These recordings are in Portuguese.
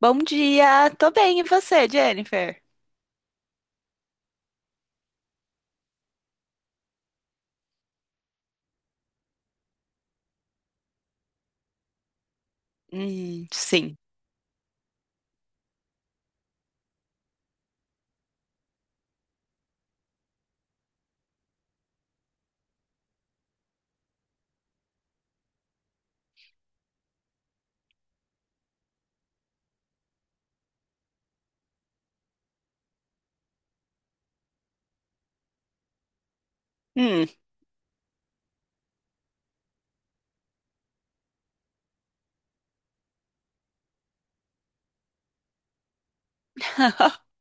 Bom dia, tô bem, e você, Jennifer? Sim. Hum.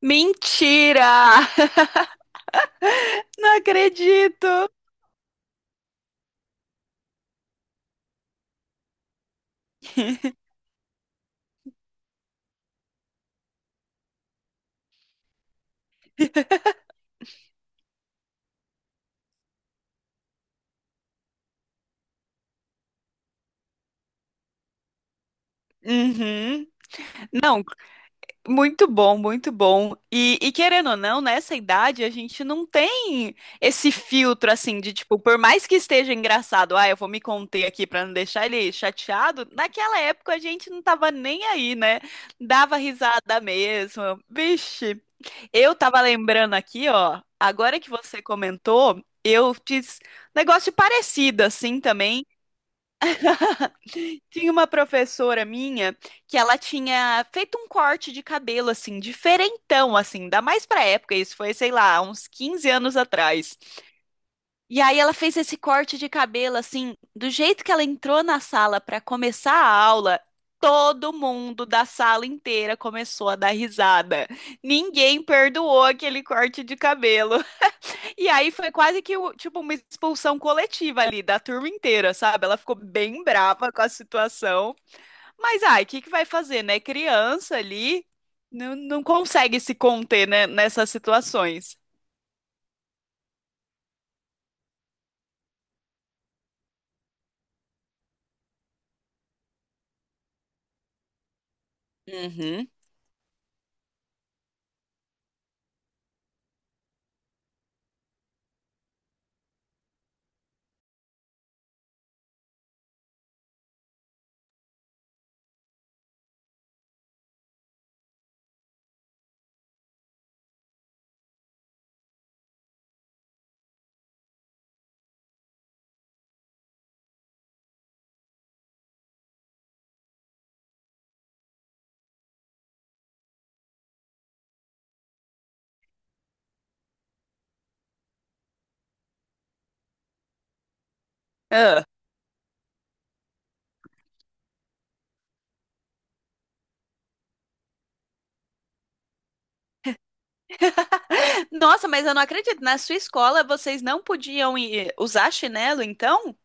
Mentira! Não acredito! Uhum. Não, muito bom, muito bom. E querendo ou não, nessa idade a gente não tem esse filtro assim de tipo, por mais que esteja engraçado, ah, eu vou me conter aqui pra não deixar ele chateado. Naquela época a gente não tava nem aí, né? Dava risada mesmo. Vixe. Eu tava lembrando aqui, ó, agora que você comentou, eu fiz negócio parecido assim também. Tinha uma professora minha que ela tinha feito um corte de cabelo assim, diferentão assim, ainda mais pra época, isso foi, sei lá, uns 15 anos atrás. E aí ela fez esse corte de cabelo assim, do jeito que ela entrou na sala pra começar a aula, todo mundo da sala inteira começou a dar risada. Ninguém perdoou aquele corte de cabelo. E aí foi quase que tipo uma expulsão coletiva ali da turma inteira, sabe? Ela ficou bem brava com a situação. Mas ai, o que que vai fazer, né? Criança ali não consegue se conter, né, nessas situações. Uhum. Ah. Nossa, mas eu não acredito. Na sua escola vocês não podiam ir usar chinelo, então?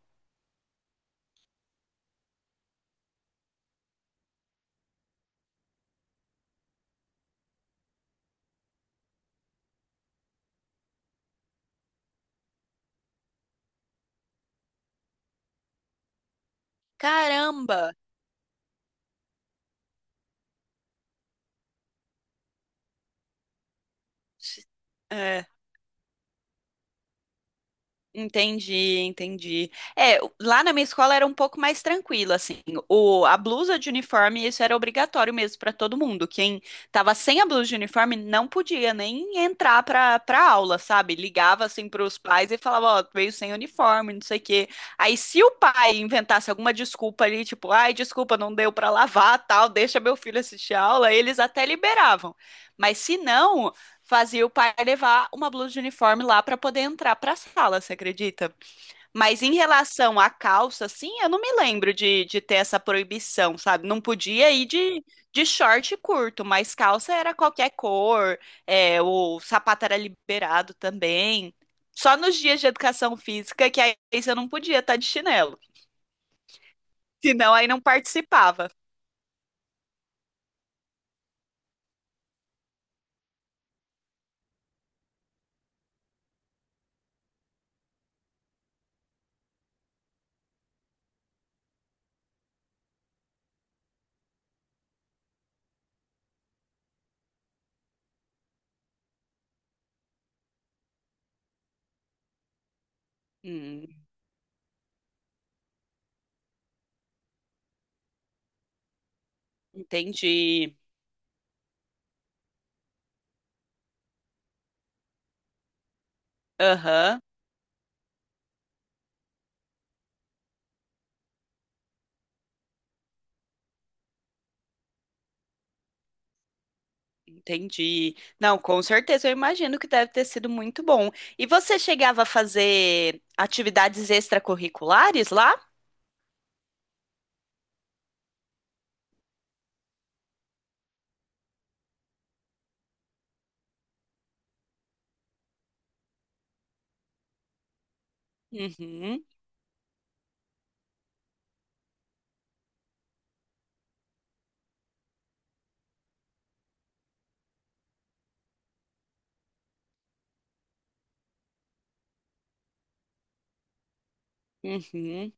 Caramba! É. Entendi, entendi. É, lá na minha escola era um pouco mais tranquilo, assim. A blusa de uniforme, isso era obrigatório mesmo para todo mundo. Quem tava sem a blusa de uniforme não podia nem entrar para aula, sabe? Ligava assim para os pais e falava, ó, veio sem uniforme, não sei o quê. Aí se o pai inventasse alguma desculpa ali, tipo, ai, desculpa, não deu para lavar, tal, deixa meu filho assistir a aula, eles até liberavam. Mas se não, fazia o pai levar uma blusa de uniforme lá para poder entrar para a sala, você acredita? Mas em relação à calça, assim, eu não me lembro de ter essa proibição, sabe? Não podia ir de short curto, mas calça era qualquer cor, é, o sapato era liberado também. Só nos dias de educação física que aí você não podia estar de chinelo, senão aí não participava. Hum, entendi. Aham. Entendi. Não, com certeza, eu imagino que deve ter sido muito bom. E você chegava a fazer atividades extracurriculares lá? Uhum, uhum.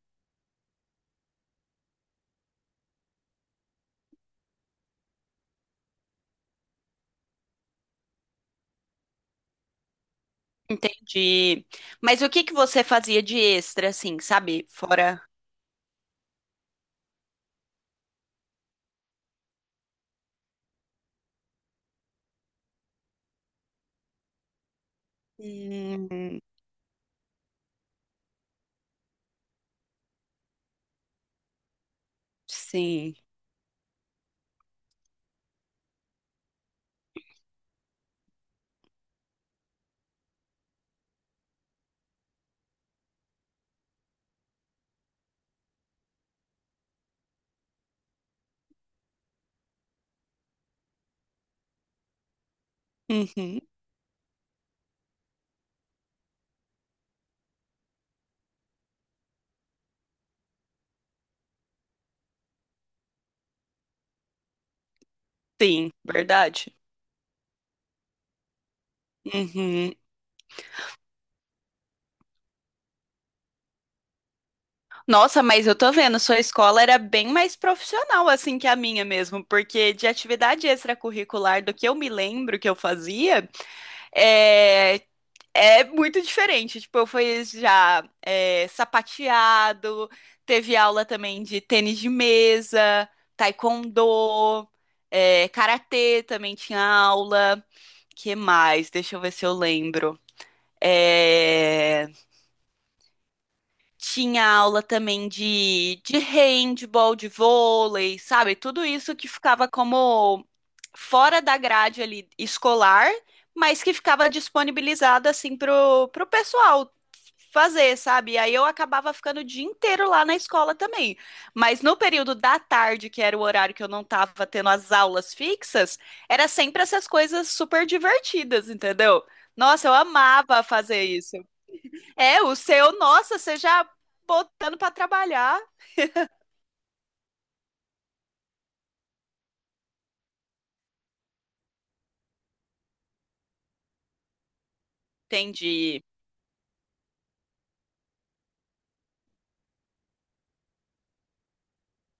Entendi. Mas o que que você fazia de extra, assim, sabe? Fora. Hum, sim. Uhum. Sim, verdade. Uhum. Nossa, mas eu tô vendo, sua escola era bem mais profissional assim que a minha mesmo, porque de atividade extracurricular do que eu me lembro que eu fazia, eh, É muito diferente. Tipo, eu fui já sapateado, teve aula também de tênis de mesa, taekwondo, karatê também tinha aula. Que mais? Deixa eu ver se eu lembro. É, tinha aula também de handball, de vôlei, sabe? Tudo isso que ficava como fora da grade ali escolar, mas que ficava disponibilizada assim pro pessoal fazer, sabe? E aí eu acabava ficando o dia inteiro lá na escola também. Mas no período da tarde, que era o horário que eu não tava tendo as aulas fixas, era sempre essas coisas super divertidas, entendeu? Nossa, eu amava fazer isso. É, o seu, nossa, você já botando pra trabalhar. Entendi.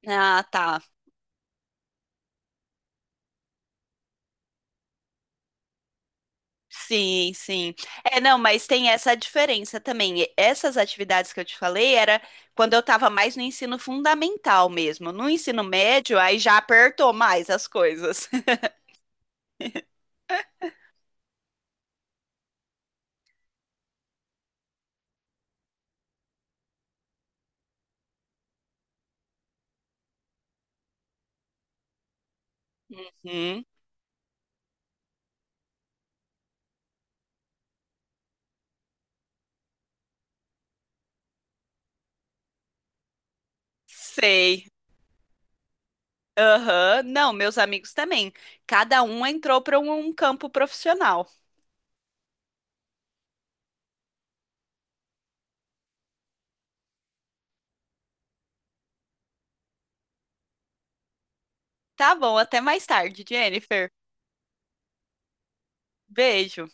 Ah, tá. Sim, sim. É, não, mas tem essa diferença também. E essas atividades que eu te falei era quando eu estava mais no ensino fundamental mesmo. No ensino médio, aí já apertou mais as coisas. Hum, sei. Aham. Não, meus amigos também. Cada um entrou para um campo profissional. Tá bom, até mais tarde, Jennifer. Beijo.